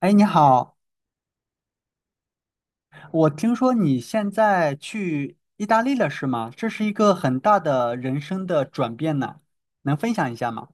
哎，你好，我听说你现在去意大利了，是吗？这是一个很大的人生的转变呢，能分享一下吗？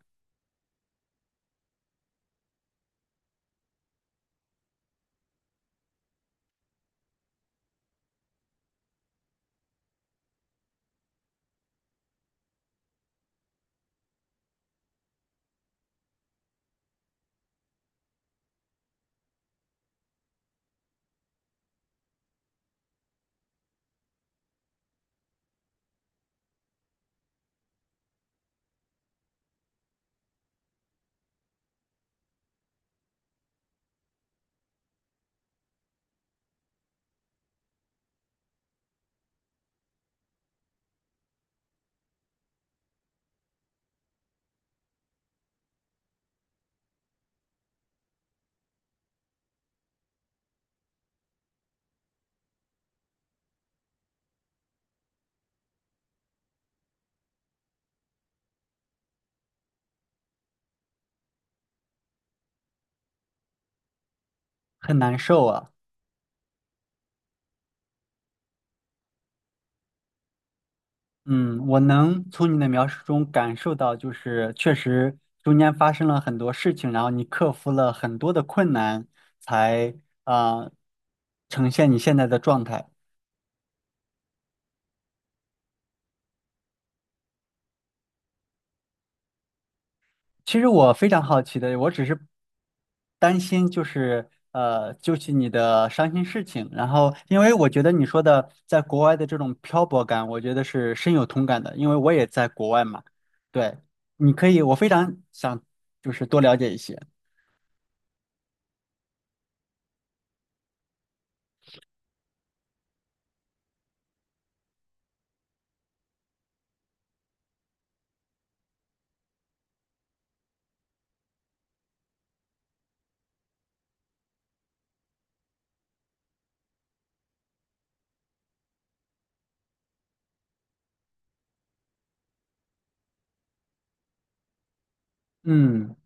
很难受啊。嗯，我能从你的描述中感受到，就是确实中间发生了很多事情，然后你克服了很多的困难，才啊，呃呈现你现在的状态。其实我非常好奇的，我只是担心，就是你的伤心事情。然后，因为我觉得你说的在国外的这种漂泊感，我觉得是深有同感的，因为我也在国外嘛。对，你可以，我非常想就是多了解一些。嗯，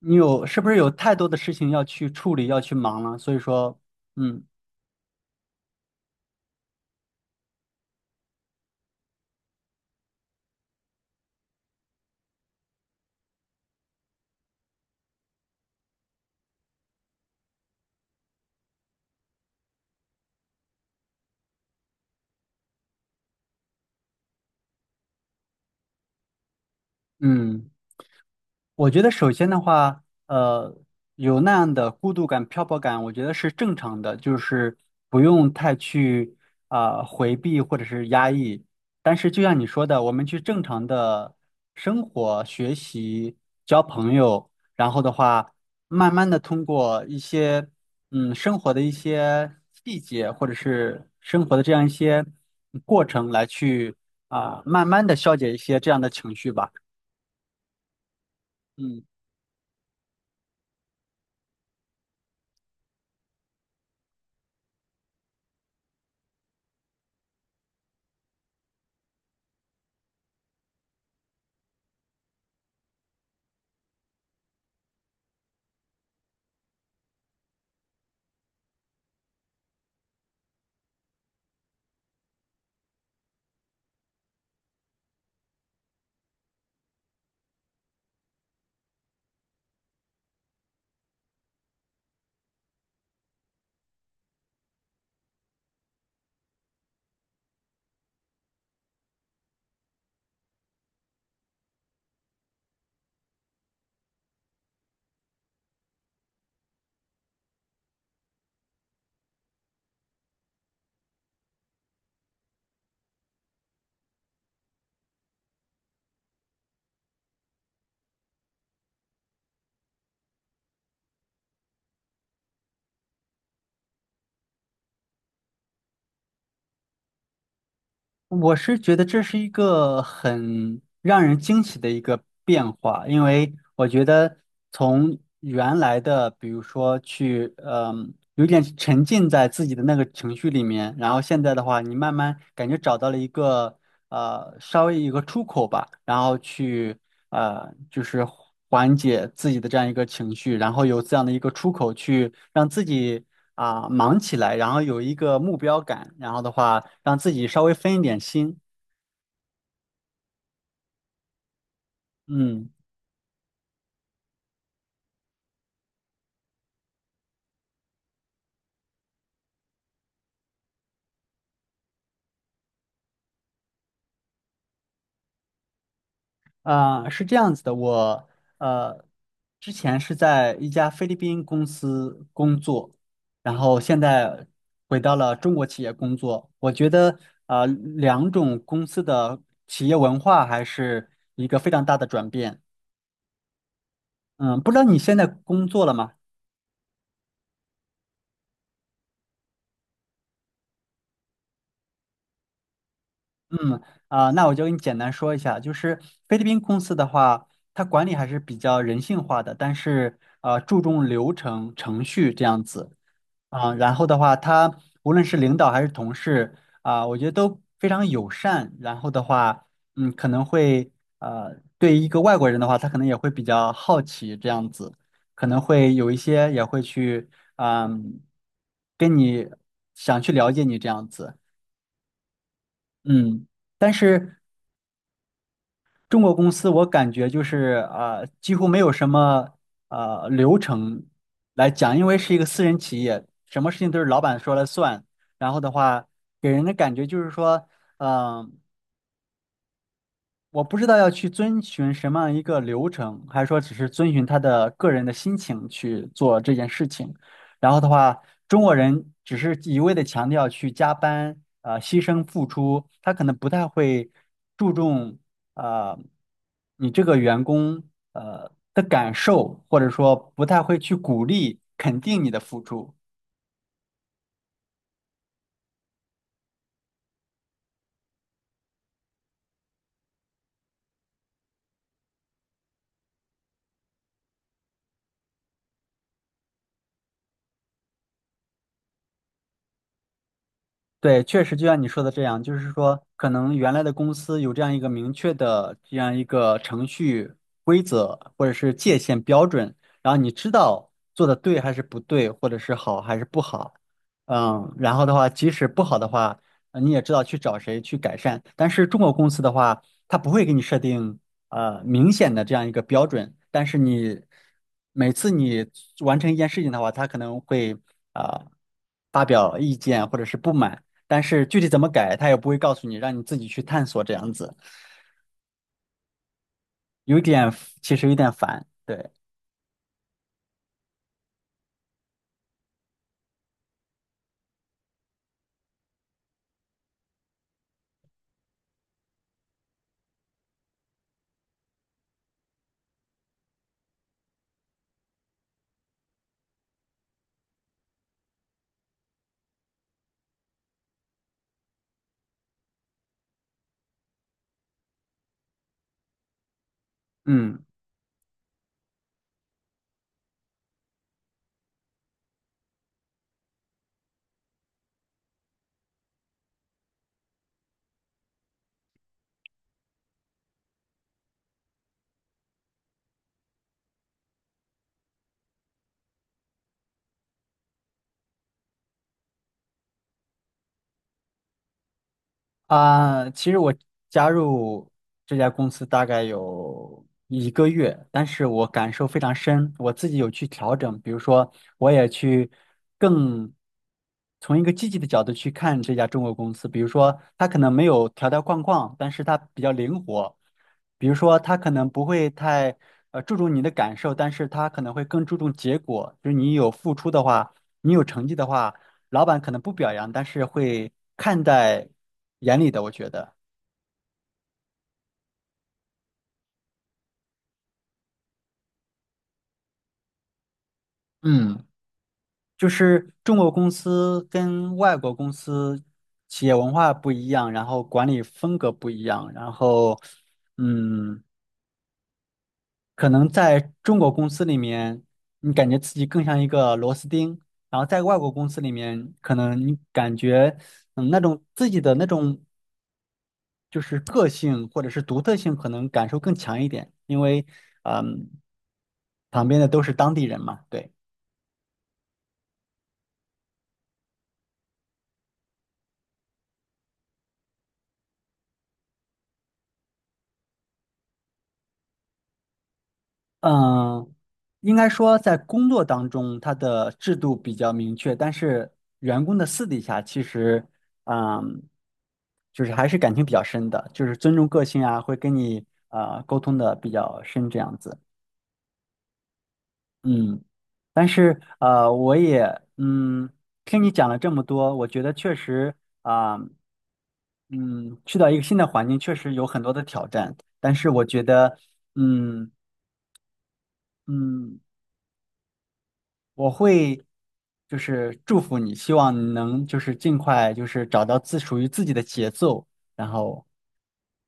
你是不是有太多的事情要去处理，要去忙了？所以说，嗯嗯。我觉得首先的话，有那样的孤独感、漂泊感，我觉得是正常的，就是不用太去啊、回避或者是压抑。但是就像你说的，我们去正常的生活、学习、交朋友，然后的话，慢慢的通过一些生活的一些细节，或者是生活的这样一些过程来去啊、慢慢的消解一些这样的情绪吧。嗯。我是觉得这是一个很让人惊喜的一个变化，因为我觉得从原来的，比如说去，嗯，有点沉浸在自己的那个情绪里面，然后现在的话，你慢慢感觉找到了一个。稍微一个出口吧，然后去就是缓解自己的这样一个情绪，然后有这样的一个出口去让自己啊、忙起来，然后有一个目标感，然后的话让自己稍微分一点心，嗯。啊、是这样子的，我呃之前是在一家菲律宾公司工作，然后现在回到了中国企业工作。我觉得啊，两种公司的企业文化还是一个非常大的转变。嗯，不知道你现在工作了吗？嗯啊、那我就给你简单说一下，就是菲律宾公司的话，它管理还是比较人性化的，但是啊注重流程程序这样子。啊，然后的话，他无论是领导还是同事啊，我觉得都非常友善。然后的话，嗯，可能会对于一个外国人的话，他可能也会比较好奇这样子，可能会有一些也会去嗯，跟你想去了解你这样子，嗯，但是中国公司我感觉就是啊，几乎没有什么流程来讲，因为是一个私人企业，什么事情都是老板说了算。然后的话，给人的感觉就是说，嗯。我不知道要去遵循什么样一个流程，还是说只是遵循他的个人的心情去做这件事情。然后的话，中国人只是一味的强调去加班，牺牲付出，他可能不太会注重呃你这个员工的感受，或者说不太会去鼓励肯定你的付出。对，确实就像你说的这样，就是说，可能原来的公司有这样一个明确的这样一个程序规则或者是界限标准，然后你知道做的对还是不对，或者是好还是不好，嗯，然后的话，即使不好的话，你也知道去找谁去改善。但是中国公司的话，它不会给你设定明显的这样一个标准，但是每次你完成一件事情的话，他可能会啊、呃发表意见或者是不满。但是具体怎么改，他也不会告诉你，让你自己去探索这样子，有点其实有点烦。对，嗯。啊，其实我加入这家公司大概有一个月，但是我感受非常深，我自己有去调整，比如说我也去更从一个积极的角度去看这家中国公司，比如说它可能没有条条框框，但是它比较灵活，比如说它可能不会太注重你的感受，但是它可能会更注重结果，就是你有付出的话，你有成绩的话。老板可能不表扬，但是会看在眼里的，我觉得。嗯就是中国公司跟外国公司企业文化不一样，然后管理风格不一样，然后，嗯，可能在中国公司里面，你感觉自己更像一个螺丝钉，然后在外国公司里面，可能你感觉，嗯，那种自己的那种就是个性或者是独特性可能感受更强一点，因为嗯，旁边的都是当地人嘛，对，嗯，应该说在工作当中，它的制度比较明确，但是员工的私底下其实，嗯，就是还是感情比较深的，就是尊重个性啊，会跟你沟通的比较深这样子，嗯。但是我也嗯，听你讲了这么多，我觉得确实啊、呃嗯，去到一个新的环境确实有很多的挑战，但是我觉得，嗯嗯，我会就是祝福你，希望你能就是尽快就是找到自属于自己的节奏，然后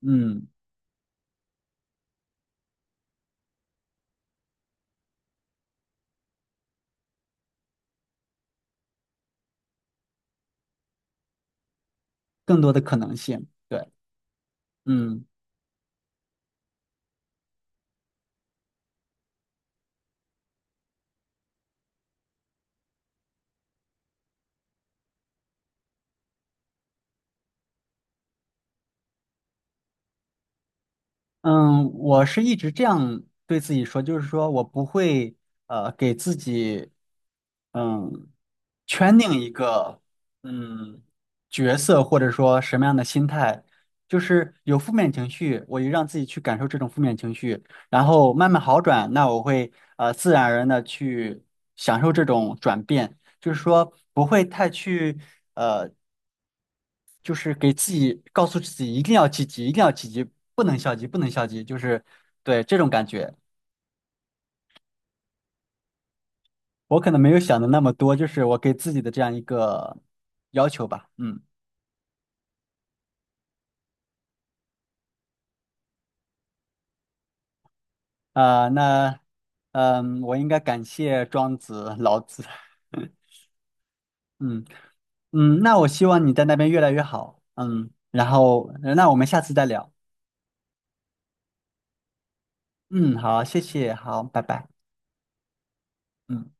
嗯，更多的可能性。对，嗯嗯，我是一直这样对自己说，就是说我不会给自己。嗯，圈定一个嗯角色，或者说什么样的心态，就是有负面情绪，我就让自己去感受这种负面情绪，然后慢慢好转，那我会自然而然的去享受这种转变，就是说不会太去，就是给自己告诉自己一定要积极，一定要积极，不能消极，不能消极，就是对这种感觉，我可能没有想的那么多，就是我给自己的这样一个要求吧，嗯。啊、那嗯，我应该感谢庄子、老子。嗯嗯，那我希望你在那边越来越好。嗯，然后那我们下次再聊。嗯，好，谢谢，好，拜拜。嗯。